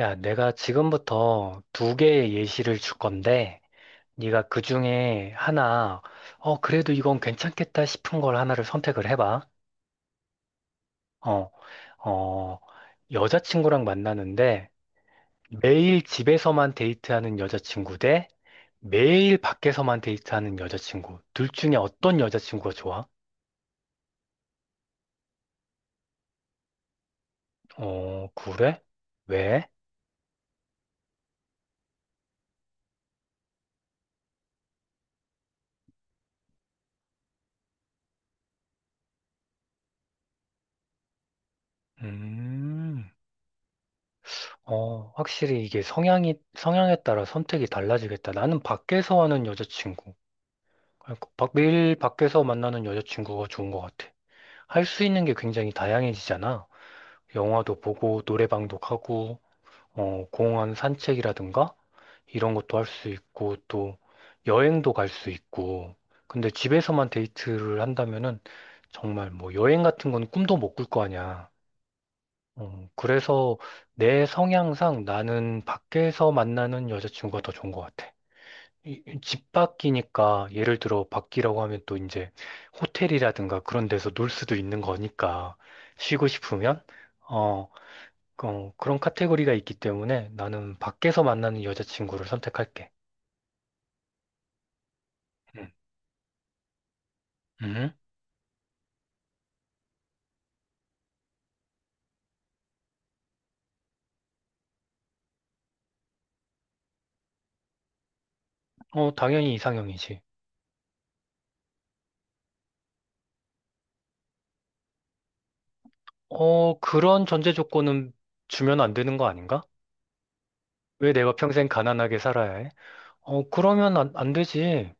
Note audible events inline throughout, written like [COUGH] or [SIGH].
야, 내가 지금부터 두 개의 예시를 줄 건데, 네가 그 중에 하나, 그래도 이건 괜찮겠다 싶은 걸 하나를 선택을 해봐. 어, 어, 여자친구랑 만나는데, 매일 집에서만 데이트하는 여자친구 대 매일 밖에서만 데이트하는 여자친구. 둘 중에 어떤 여자친구가 좋아? 어, 그래? 왜? 음. 확실히 이게 성향에 따라 선택이 달라지겠다. 나는 밖에서 하는 여자친구, 그러니까 매일 밖에서 만나는 여자친구가 좋은 것 같아. 할 수 있는 게 굉장히 다양해지잖아. 영화도 보고, 노래방도 가고, 공원 산책이라든가, 이런 것도 할 수 있고, 또 여행도 갈 수 있고. 근데 집에서만 데이트를 한다면은 정말 뭐 여행 같은 건 꿈도 못 꿀 거 아니야. 어, 그래서 내 성향상 나는 밖에서 만나는 여자친구가 더 좋은 것 같아. 이집 밖이니까 예를 들어 밖이라고 하면 또 이제 호텔이라든가 그런 데서 놀 수도 있는 거니까 쉬고 싶으면 어, 그런 카테고리가 있기 때문에 나는 밖에서 만나는 여자친구를 선택할게. 음. 음? 어, 당연히 이상형이지. 어, 그런 전제 조건은 주면 안 되는 거 아닌가? 왜 내가 평생 가난하게 살아야 해? 어, 그러면 안 되지.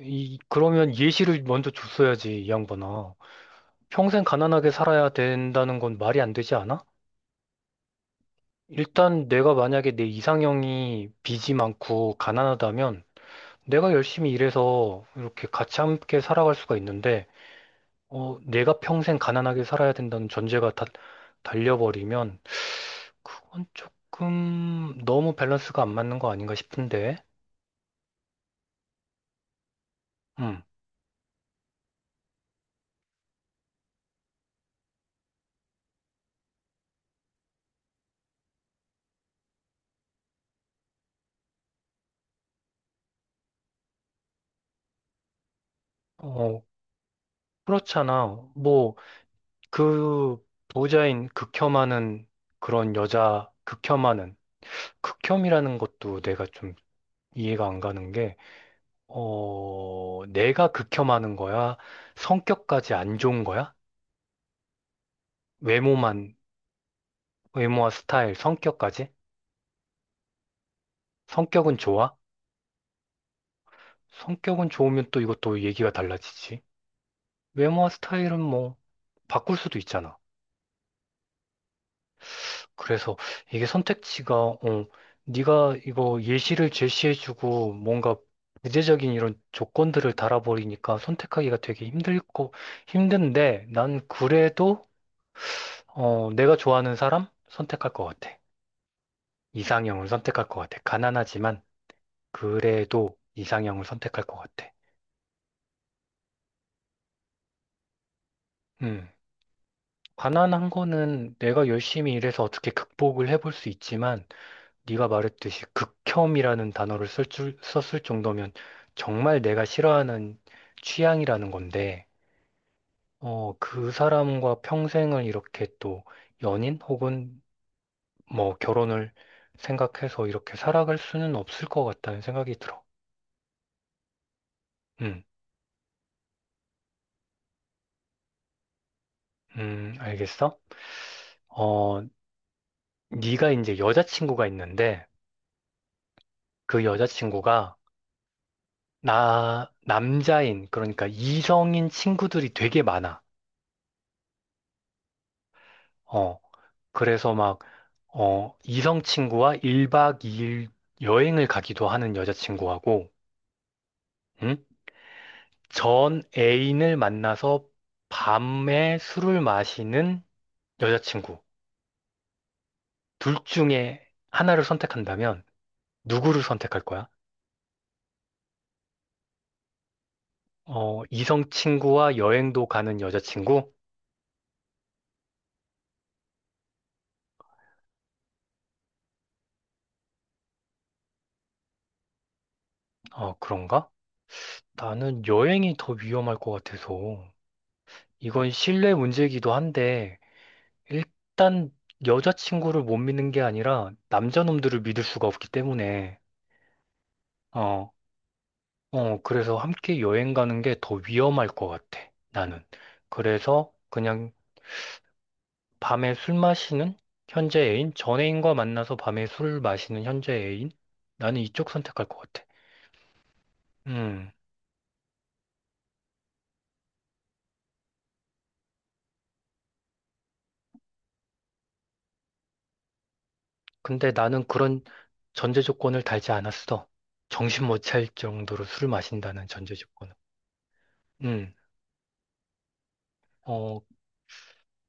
이, 그러면 예시를 먼저 줬어야지, 이 양반아. 평생 가난하게 살아야 된다는 건 말이 안 되지 않아? 일단 내가 만약에 내 이상형이 빚이 많고 가난하다면 내가 열심히 일해서 이렇게 같이 함께 살아갈 수가 있는데, 어, 내가 평생 가난하게 살아야 된다는 전제가 다 달려버리면 그건 조금 너무 밸런스가 안 맞는 거 아닌가 싶은데. 음. 어, 그렇잖아. 뭐 그 보호자인 극혐하는 그런 여자 극혐하는 극혐이라는 것도 내가 좀 이해가 안 가는 게, 어, 내가 극혐하는 거야? 성격까지 안 좋은 거야? 외모만, 외모와 스타일, 성격까지? 성격은 좋아? 성격은 좋으면 또 이것도 얘기가 달라지지. 외모와 스타일은 뭐, 바꿀 수도 있잖아. 그래서 이게 선택지가 어, 네가 이거 예시를 제시해주고 뭔가 구체적인 이런 조건들을 달아버리니까 선택하기가 되게 힘들고 힘든데 난 그래도 어, 내가 좋아하는 사람 선택할 것 같아. 이상형을 선택할 것 같아. 가난하지만 그래도 이상형을 선택할 것 같아. 음. 가난한 거는 내가 열심히 일해서 어떻게 극복을 해볼 수 있지만 네가 말했듯이 극혐이라는 단어를 썼을 정도면 정말 내가 싫어하는 취향이라는 건데, 어, 그 사람과 평생을 이렇게 또 연인 혹은 뭐 결혼을 생각해서 이렇게 살아갈 수는 없을 것 같다는 생각이 들어. 음, 알겠어? 어, 네가 이제 여자친구가 있는데 그 여자친구가 나 남자인 그러니까 이성인 친구들이 되게 많아. 어, 그래서 막 어, 이성 친구와 1박 2일 여행을 가기도 하는 여자친구하고, 응? 전 애인을 만나서 밤에 술을 마시는 여자친구. 둘 중에 하나를 선택한다면 누구를 선택할 거야? 어, 이성 친구와 여행도 가는 여자친구? 어, 그런가? 나는 여행이 더 위험할 것 같아서. 이건 신뢰 문제이기도 한데, 일단 여자친구를 못 믿는 게 아니라 남자놈들을 믿을 수가 없기 때문에 어, 그래서 함께 여행 가는 게 더 위험할 것 같아, 나는. 그래서 그냥 밤에 술 마시는 현재 애인, 전 애인과 만나서 밤에 술 마시는 현재 애인? 나는 이쪽 선택할 것 같아. 음, 근데 나는 그런 전제 조건을 달지 않았어. 정신 못 차릴 정도로 술 마신다는 전제 조건은. 음, 어,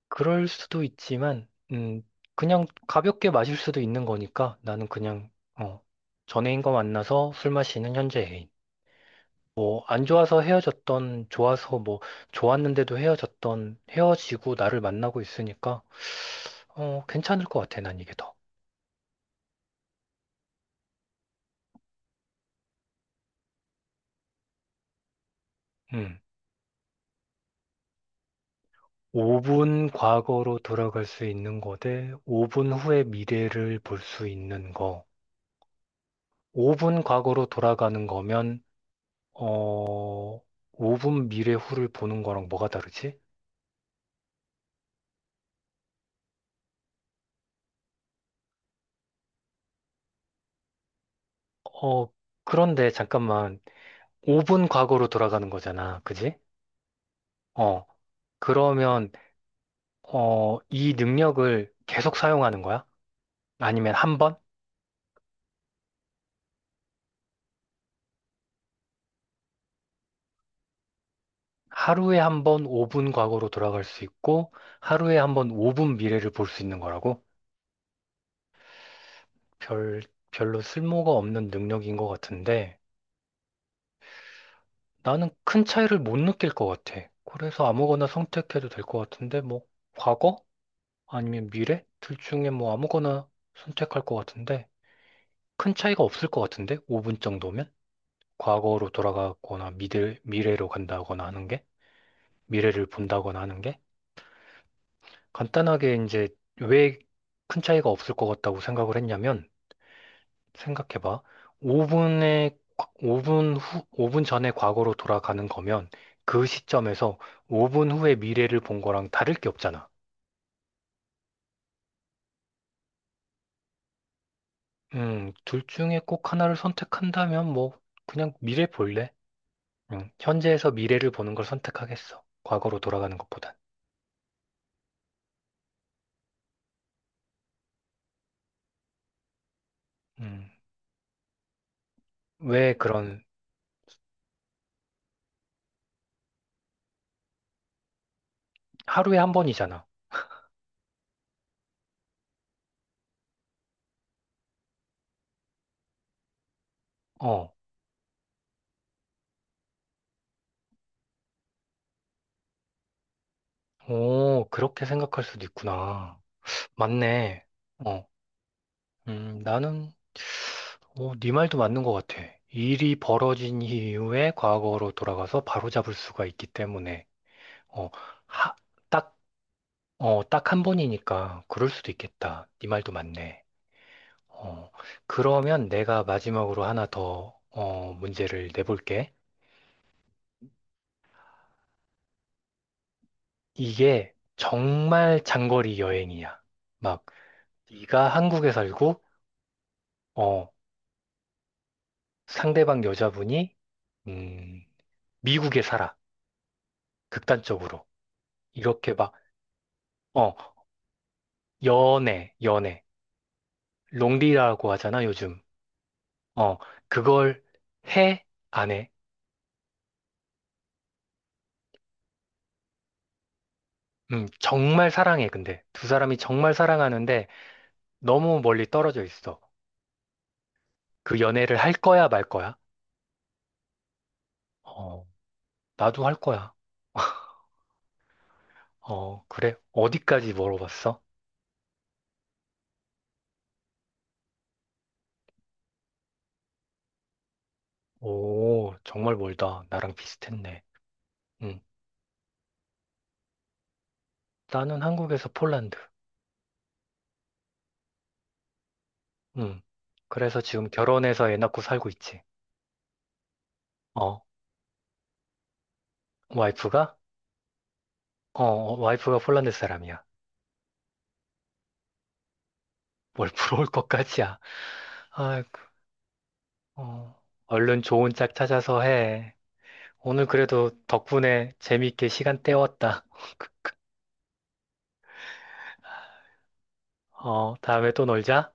그럴 수도 있지만, 그냥 가볍게 마실 수도 있는 거니까 나는 그냥, 어, 전애인과 만나서 술 마시는 현재 애인. 뭐, 안 좋아서 헤어졌던, 좋아서 뭐, 좋았는데도 헤어졌던, 헤어지고 나를 만나고 있으니까, 어, 괜찮을 것 같아, 난 이게 더. 음. 5분 과거로 돌아갈 수 있는 거대 5분 후의 미래를 볼 수 있는 거. 5분 과거로 돌아가는 거면, 어, 5분 미래 후를 보는 거랑 뭐가 다르지? 어, 그런데 잠깐만. 5분 과거로 돌아가는 거잖아. 그지? 어, 그러면, 어, 이 능력을 계속 사용하는 거야? 아니면 한 번? 하루에 한 번 5분 과거로 돌아갈 수 있고, 하루에 한 번 5분 미래를 볼 수 있는 거라고? 별, 별로 쓸모가 없는 능력인 것 같은데, 나는 큰 차이를 못 느낄 것 같아. 그래서 아무거나 선택해도 될 것 같은데, 뭐, 과거? 아니면 미래? 둘 중에 뭐 아무거나 선택할 것 같은데, 큰 차이가 없을 것 같은데? 5분 정도면? 과거로 돌아가거나 미래로 간다거나 하는 게? 미래를 본다거나 하는 게? 간단하게 이제 왜 큰 차이가 없을 것 같다고 생각을 했냐면, 생각해봐. 5분에, 5분 후, 5분 전에 과거로 돌아가는 거면 그 시점에서 5분 후에 미래를 본 거랑 다를 게 없잖아. 둘 중에 꼭 하나를 선택한다면 뭐, 그냥 미래 볼래? 현재에서 미래를 보는 걸 선택하겠어. 과거로 돌아가는 것보다. 음, 왜 그런 하루에 한 번이잖아. 어, 오, 그렇게 생각할 수도 있구나. 맞네. 어, 나는 어, 네 말도 맞는 것 같아. 일이 벌어진 이후에 과거로 돌아가서 바로잡을 수가 있기 때문에 어, 하, 딱, 어, 딱 한 번이니까 그럴 수도 있겠다. 네 말도 맞네. 어, 그러면 내가 마지막으로 하나 더 어, 문제를 내볼게. 이게 정말 장거리 여행이야. 막 네가 한국에 살고, 어, 상대방 여자분이, 음, 미국에 살아. 극단적으로. 이렇게 막, 어, 연애. 롱디라고 하잖아, 요즘. 어, 그걸 해? 안 해? 정말 사랑해, 근데. 두 사람이 정말 사랑하는데 너무 멀리 떨어져 있어. 그 연애를 할 거야, 말 거야? 어, 나도 할 거야. 어, 그래? 어디까지 물어봤어? 오, 정말 멀다. 나랑 비슷했네. 음. 나는 한국에서 폴란드. 음. 그래서 지금 결혼해서 애 낳고 살고 있지. 어, 와이프가? 어, 어, 와이프가 폴란드 사람이야. 뭘 부러울 것까지야. 아이고, 어. 얼른 좋은 짝 찾아서 해. 오늘 그래도 덕분에 재밌게 시간 때웠다. [LAUGHS] 어, 다음에 또 놀자.